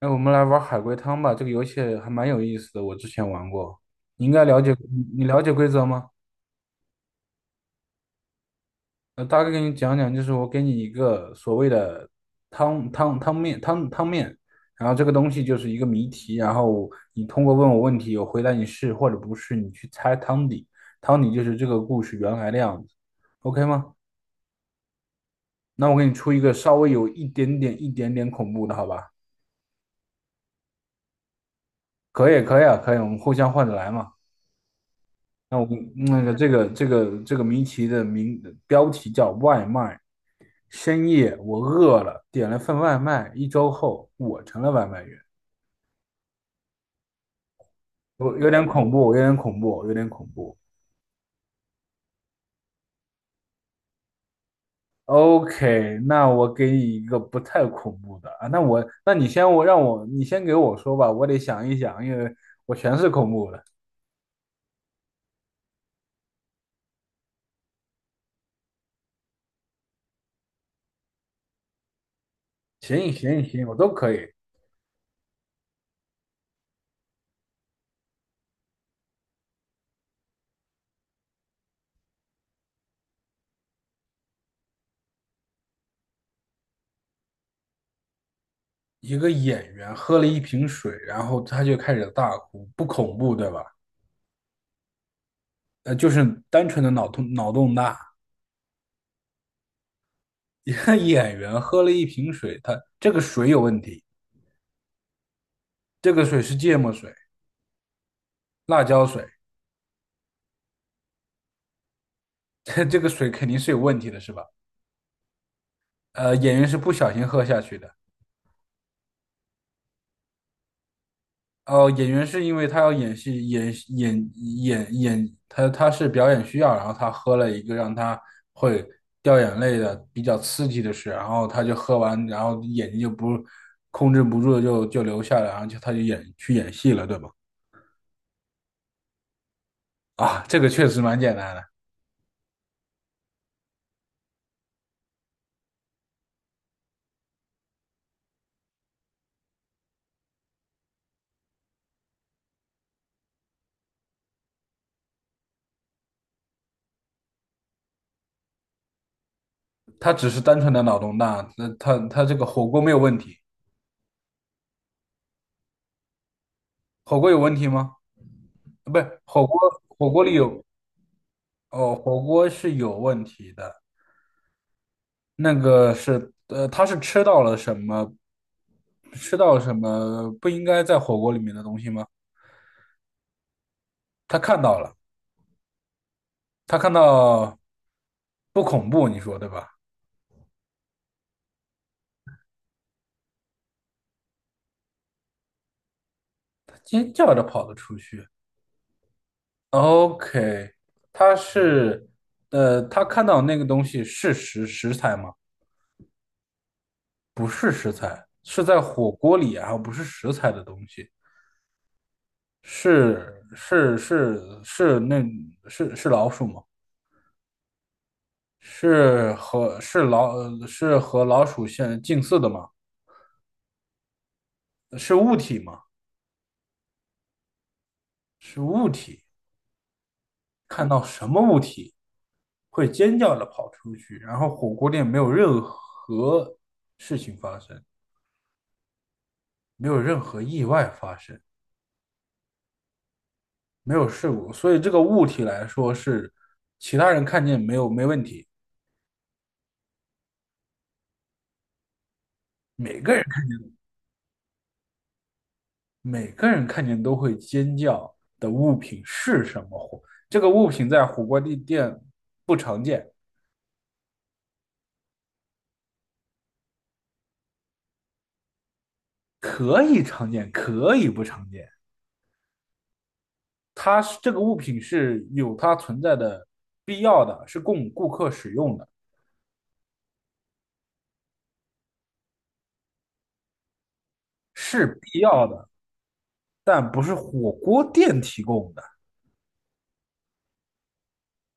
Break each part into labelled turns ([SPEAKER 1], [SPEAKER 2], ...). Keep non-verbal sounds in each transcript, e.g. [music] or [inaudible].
[SPEAKER 1] 哎，我们来玩海龟汤吧，这个游戏还蛮有意思的，我之前玩过。你应该了解，你了解规则吗？大概给你讲讲，就是我给你一个所谓的汤面，然后这个东西就是一个谜题，然后你通过问我问题，我回答你是或者不是，你去猜汤底，汤底就是这个故事原来的样子，OK 吗？那我给你出一个稍微有一点点恐怖的，好吧？可以，可以啊，可以，我们互相换着来嘛。那我们这个谜题的标题叫外卖。深夜我饿了，点了份外卖。一周后，我成了外卖员。我有点恐怖，有点恐怖，有点恐怖。OK，那我给你一个不太恐怖的啊。那我，那你先我让我你先给我说吧，我得想一想，因为我全是恐怖的。行行行，我都可以。一个演员喝了一瓶水，然后他就开始大哭，不恐怖对吧？就是单纯的脑洞大。一个演员喝了一瓶水，他这个水有问题，这个水是芥末水、辣椒水，这个水肯定是有问题的，是吧？演员是不小心喝下去的。哦，演员是因为他要演戏，演演演演，他他是表演需要，然后他喝了一个让他会掉眼泪的比较刺激的事，然后他就喝完，然后眼睛就不控制不住就流下来，然后他就去演戏了，对吧？啊，这个确实蛮简单的。他只是单纯的脑洞大，那他这个火锅没有问题，火锅有问题吗？不是，火锅里有哦，火锅是有问题的，那个是他是吃到了什么，吃到了什么不应该在火锅里面的东西吗？他看到了，他看到不恐怖，你说对吧？他尖叫着跑了出去。OK，他是他看到那个东西是食材吗？不是食材，是在火锅里啊，然后不是食材的东西，是是是是那，是是老鼠吗？是和是老是和老鼠相近似的吗？是物体吗？是物体，看到什么物体会尖叫的跑出去，然后火锅店没有任何事情发生，没有任何意外发生，没有事故，所以这个物体来说是其他人看见没有没问题。每个人。每个人看见都会尖叫的物品是什么火？这个物品在火锅地店不常见，可以常见，可以不常见。这个物品是有它存在的必要的，是供顾客使用的，是必要的，但不是火锅店提供的，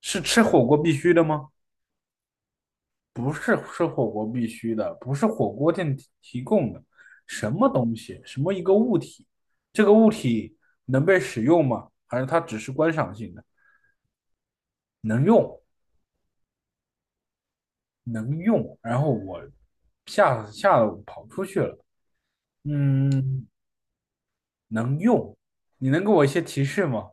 [SPEAKER 1] 是吃火锅必须的吗？不是吃火锅必须的，不是火锅店提供的，什么东西，什么一个物体，这个物体能被使用吗？还是它只是观赏性的？能用，能用。然后我吓得我跑出去了。嗯，能用，你能给我一些提示吗？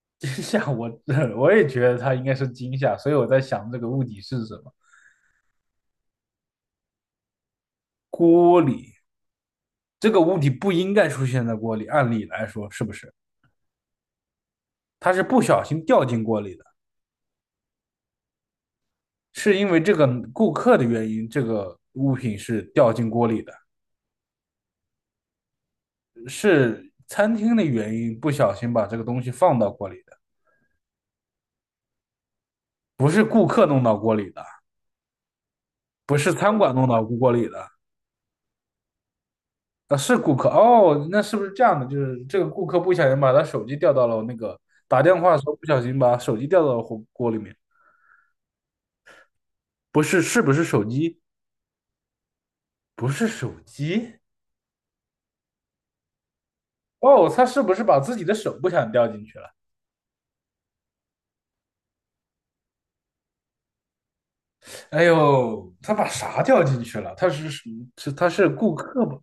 [SPEAKER 1] [laughs] 惊吓我，[laughs] 我也觉得它应该是惊吓，所以我在想这个物体是什么？锅里，这个物体不应该出现在锅里，按理来说是不是？他是不小心掉进锅里的，是因为这个顾客的原因，这个物品是掉进锅里的，是餐厅的原因不小心把这个东西放到锅里的，不是顾客弄到锅里的，不是餐馆弄到锅里的，啊，是顾客哦，那是不是这样的？就是这个顾客不小心把他手机掉到了那个打电话的时候不小心把手机掉到了火锅里面，不是，是不是手机？不是手机哦，他是不是把自己的手不小心掉进去了？哎呦，他把啥掉进去了？是他是顾客吧？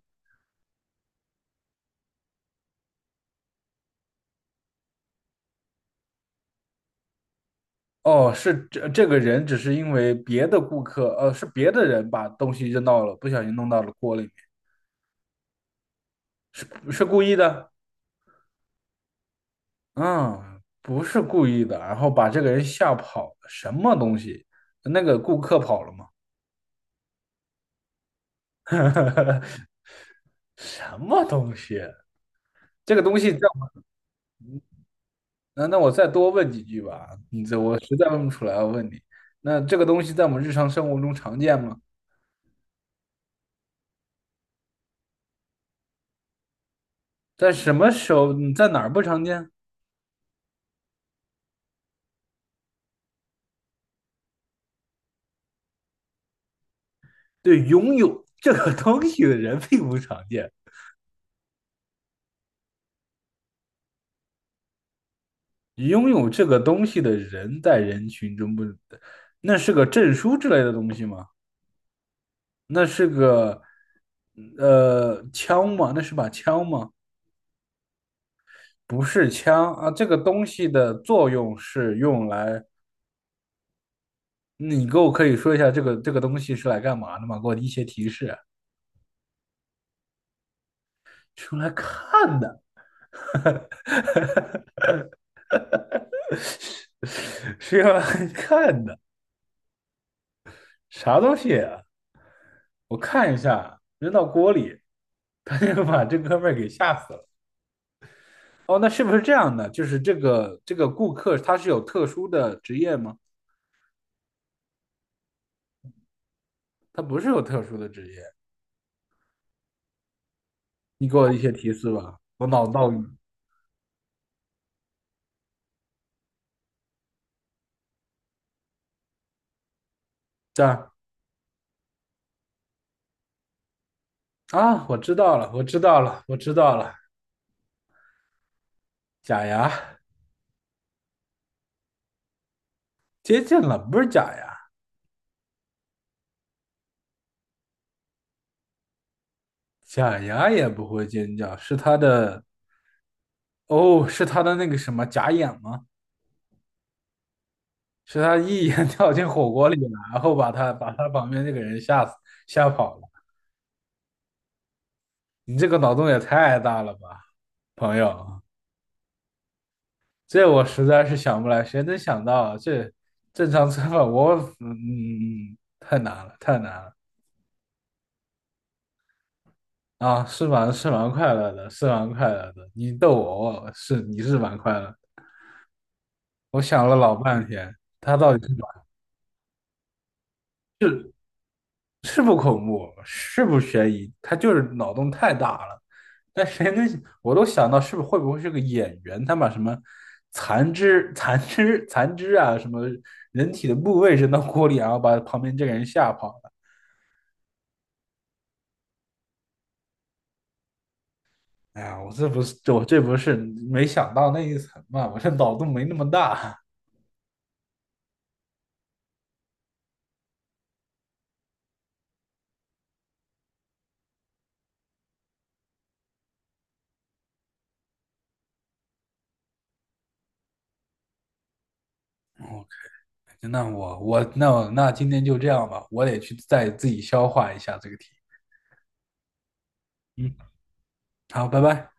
[SPEAKER 1] 哦，这个人只是因为别的顾客，是别的人把东西扔到了，不小心弄到了锅里面，是是故意的？嗯，不是故意的，然后把这个人吓跑了什么东西？那个顾客跑了吗？[laughs] 什么东西？这个东西在……那那我再多问几句吧，你这我实在问不出来，我问你，那这个东西在我们日常生活中常见吗？在什么时候，你在哪儿不常见？对，拥有这个东西的人并不常见，拥有这个东西的人在人群中不，那是个证书之类的东西吗？那是个枪吗？那是把枪吗？不是枪啊，这个东西的作用是用来，你给我可以说一下这个东西是来干嘛的吗？给我一些提示啊，是用来看的，[laughs] 是用来看的。啥东西？我看一下，扔到锅里，他就把这哥们儿给吓死了。哦，那是不是这样的？就是这个顾客他是有特殊的职业吗？他不是有特殊的职业，你给我一些提示吧。我脑到底这儿啊，我知道了，我知道了，我知道了。假牙接近了，不是假牙，假牙也不会尖叫，是他的哦，是他的那个什么假眼吗？是他一眼 [laughs] 跳进火锅里了，然后把他旁边那个人吓跑了。你这个脑洞也太大了吧，朋友！这我实在是想不来，谁能想到啊这正常吃饭？我嗯嗯嗯，太难了，太难了啊！是蛮快乐的，是蛮快乐的。你逗我，我是你是蛮快乐的我想了老半天，他到底是。是不恐怖，是不悬疑，他就是脑洞太大了。但谁能，我都想到会不会是个演员，他把什么残肢啊，什么人体的部位扔到锅里，然后把旁边这个人吓跑了。哎呀，我这不是没想到那一层嘛，我这脑洞没那么大。我那我我那我那今天就这样吧，我得去再自己消化一下这个题。嗯，好，拜拜。